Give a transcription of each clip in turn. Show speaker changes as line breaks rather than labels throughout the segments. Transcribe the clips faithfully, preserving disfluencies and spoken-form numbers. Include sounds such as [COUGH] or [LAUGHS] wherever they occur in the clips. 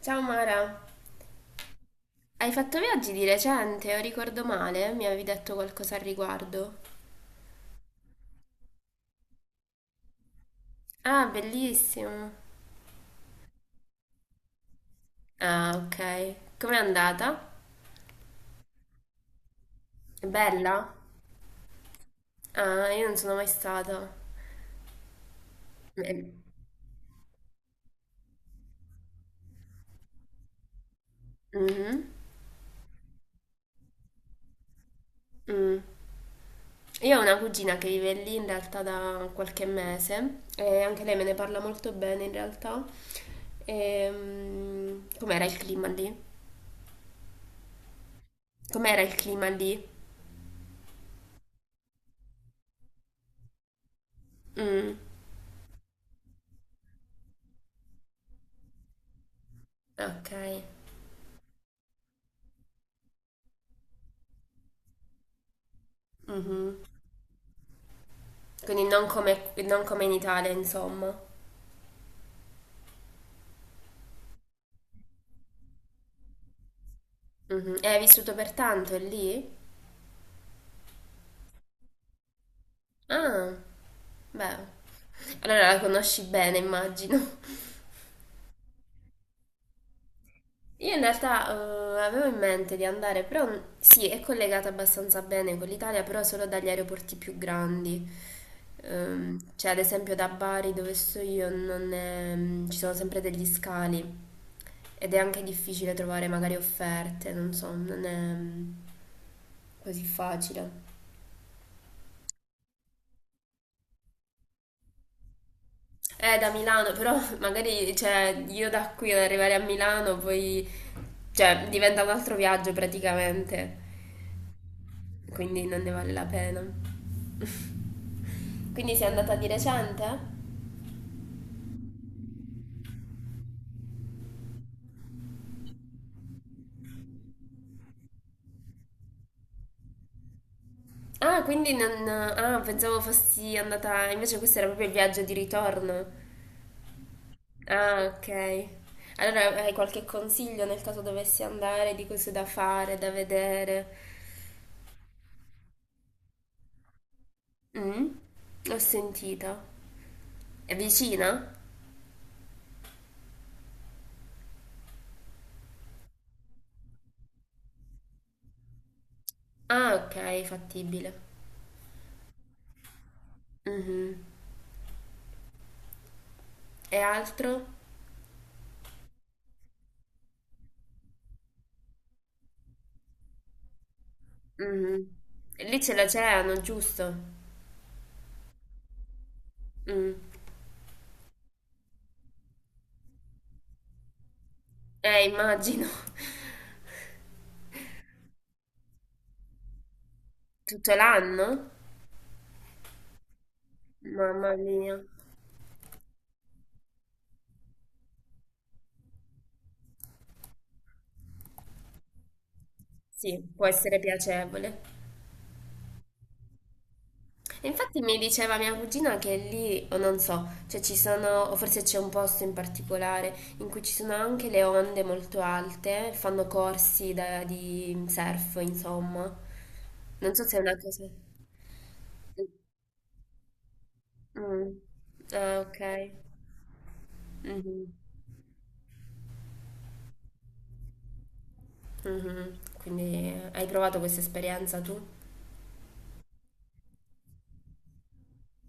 Ciao Mara, hai fatto viaggi di recente o ricordo male? Mi avevi detto qualcosa al riguardo. Ah, bellissimo. Ah, ok. Com'è andata? È bella? Ah, io non sono mai stata. Eh, mhm, mm. Io ho una cugina che vive lì in realtà da qualche mese e anche lei me ne parla molto bene in realtà. Ehm, com'era il clima lì? Com'era il clima lì? Mm, ok. Mhm. Quindi non come, non come in Italia, insomma. Mhm. E hai vissuto per tanto lì? Ah, beh. Allora la conosci bene, immagino. Io in realtà eh, avevo in mente di andare, però sì, è collegata abbastanza bene con l'Italia, però solo dagli aeroporti più grandi. Ehm, cioè, ad esempio da Bari, dove sto io, non è- mm, ci sono sempre degli scali ed è anche difficile trovare magari offerte, non so, non è mm, così facile. Eh, da Milano, però [LAUGHS] magari cioè, io da qui ad arrivare a Milano poi cioè, diventa un altro viaggio praticamente, quindi non ne vale la pena. [LAUGHS] Quindi sei andata di recente? Ah, quindi non. Ah, pensavo fossi andata. Invece questo era proprio il viaggio di ritorno. Ah, ok. Allora hai qualche consiglio nel caso dovessi andare, di cose da fare, da vedere? Mm? Ho sentito. È vicina? Ah, ok, fattibile. Mhm. E altro? Mhm. Lì ce l'oceano, giusto? Mm. Eh, immagino. [LAUGHS] Tutto l'anno? Mamma mia. Sì, può essere piacevole. Infatti mi diceva mia cugina che lì, o non so, cioè ci sono, o forse c'è un posto in particolare in cui ci sono anche le onde molto alte, fanno corsi da- di surf, insomma. Non so se è una cosa. Mm. Ah, ok. Mhm. Mhm. Quindi hai provato questa esperienza tu?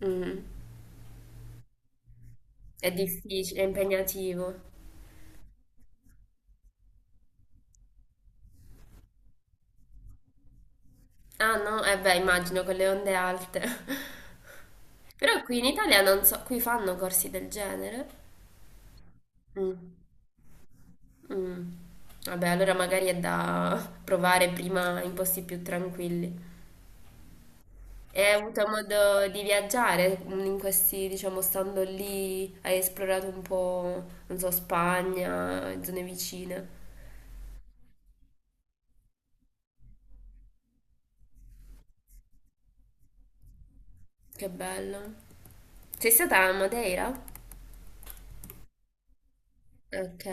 Mhm. È difficile, è impegnativo. Ah no? Eh beh, immagino con le onde alte. [LAUGHS] Però qui in Italia non so, qui fanno corsi del genere. Mm. Mm. Vabbè, allora magari è da provare prima in posti più tranquilli. E hai avuto modo di viaggiare in questi, diciamo, stando lì, hai esplorato un po', non so, Spagna, zone vicine. Che bello. Sei stata a Madeira? Ok,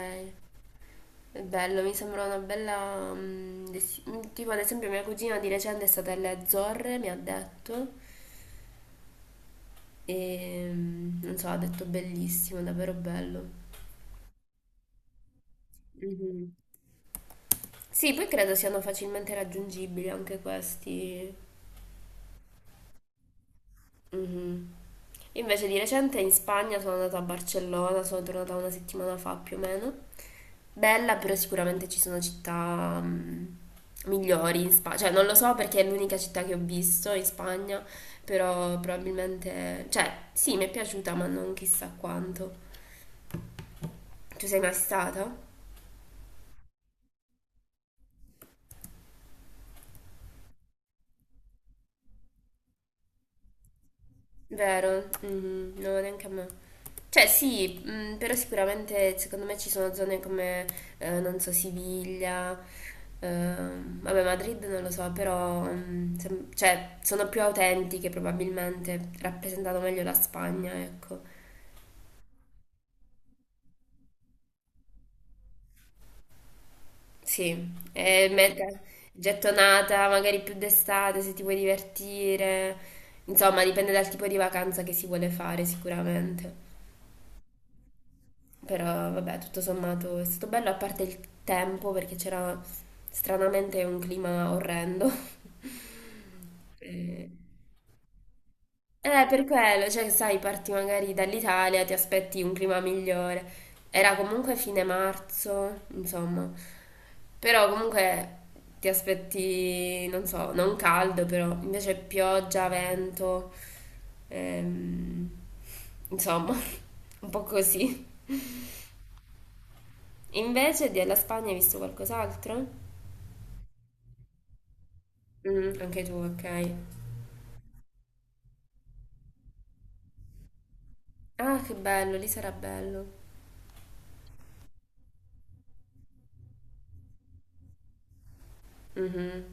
è bello, mi sembra una bella... mm, desi- mm, Tipo ad esempio mia cugina di recente è stata alle Azzorre, mi ha detto, e mm, non so, ha detto bellissimo, davvero bello. Mhm. Sì, poi credo siano facilmente raggiungibili anche questi. Mhm. Invece di recente in Spagna sono andata a Barcellona, sono tornata una settimana fa più o meno. Bella, però sicuramente ci sono città mm, migliori in Spagna. Cioè, non lo so perché è l'unica città che ho visto in Spagna, però probabilmente. Cioè, sì, mi è piaciuta, ma non chissà quanto. Tu sei mai stata? Vero, mhm, no, neanche a me. Cioè sì, mh, però sicuramente secondo me ci sono zone come, eh, non so, Siviglia, ehm, vabbè Madrid non lo so, però mh, sem- cioè, sono più autentiche probabilmente, rappresentano meglio la Spagna, ecco. Sì, e meta- gettonata magari più d'estate se ti vuoi divertire, insomma dipende dal tipo di vacanza che si vuole fare sicuramente. Però vabbè, tutto sommato è stato bello, a parte il tempo, perché c'era stranamente un clima orrendo. [LAUGHS] Eh, eh, per quello, cioè, sai, parti magari dall'Italia, ti aspetti un clima migliore. Era comunque fine marzo, insomma. Però comunque ti aspetti, non so, non caldo, però invece pioggia, vento, ehm, insomma, [LAUGHS] un po' così. Invece della Spagna hai visto qualcos'altro? Mm, anche tu, ok. Ah, che bello, lì sarà bello. Mhm.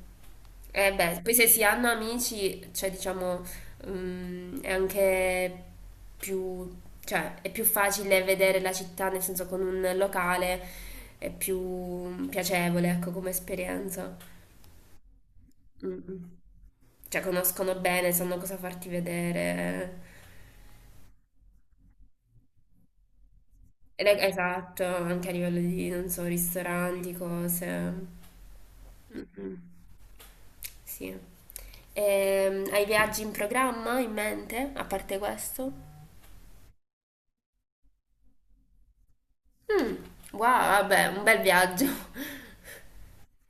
Eh beh, poi se si hanno amici, cioè diciamo, mm, è anche più, cioè è più facile vedere la città, nel senso con un locale è più piacevole, ecco, come esperienza. Mm, mm. Cioè conoscono bene, sanno cosa farti vedere. Ed è- Esatto, anche a livello di, non so, ristoranti, cose. Mm-mm. Sì. Ehm, hai viaggi in programma in mente, a parte questo? Mm, wow, vabbè, un bel viaggio. [LAUGHS]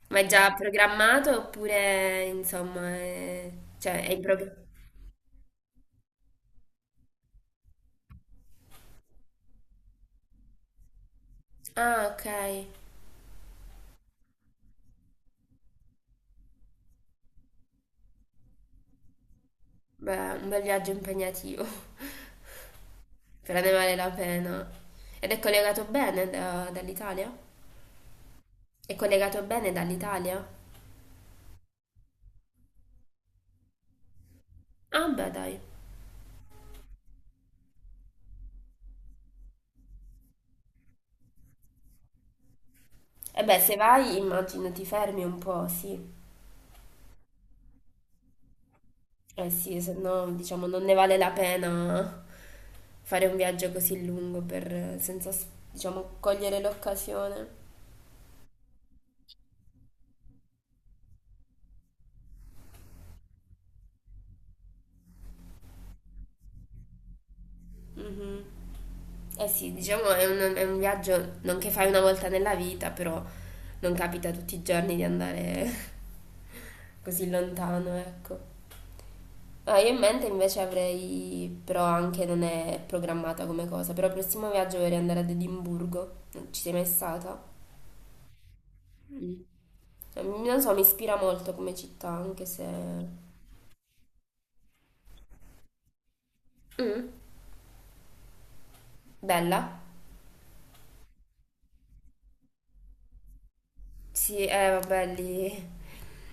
Ma è già programmato oppure, insomma, è... cioè è in programma? Ah, ok. Beh, un bel viaggio impegnativo, [LAUGHS] però ne vale la pena. Ed è collegato bene da- dall'Italia? È collegato bene dall'Italia? Ah, beh, dai. E beh, se vai, immagino ti fermi un po', sì. Eh sì, se no, diciamo, non ne vale la pena fare un viaggio così lungo per, senza, diciamo, cogliere l'occasione. Mhm. Eh sì, diciamo, è un, è un viaggio non che fai una volta nella vita, però non capita tutti i giorni di andare [LAUGHS] così lontano, ecco. Ah, io in mente invece avrei, però anche non è programmata come cosa, però il prossimo viaggio vorrei andare ad Edimburgo, non ci sei mai stata? Eh, Non so, mi ispira molto come città, anche se. Mm, bella? Sì, eh vabbè, lì.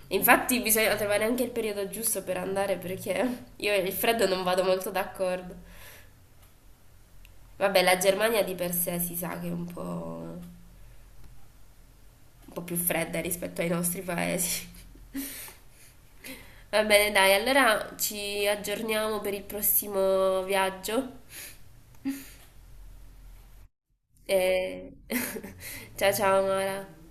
Infatti bisogna trovare anche il periodo giusto per andare perché io e il freddo non vado molto d'accordo. Vabbè, la Germania di per sé si sa che è un po', un po' più fredda rispetto ai nostri paesi. Va bene, dai, allora ci aggiorniamo per il prossimo viaggio. E. [LAUGHS] Ciao ciao Mara.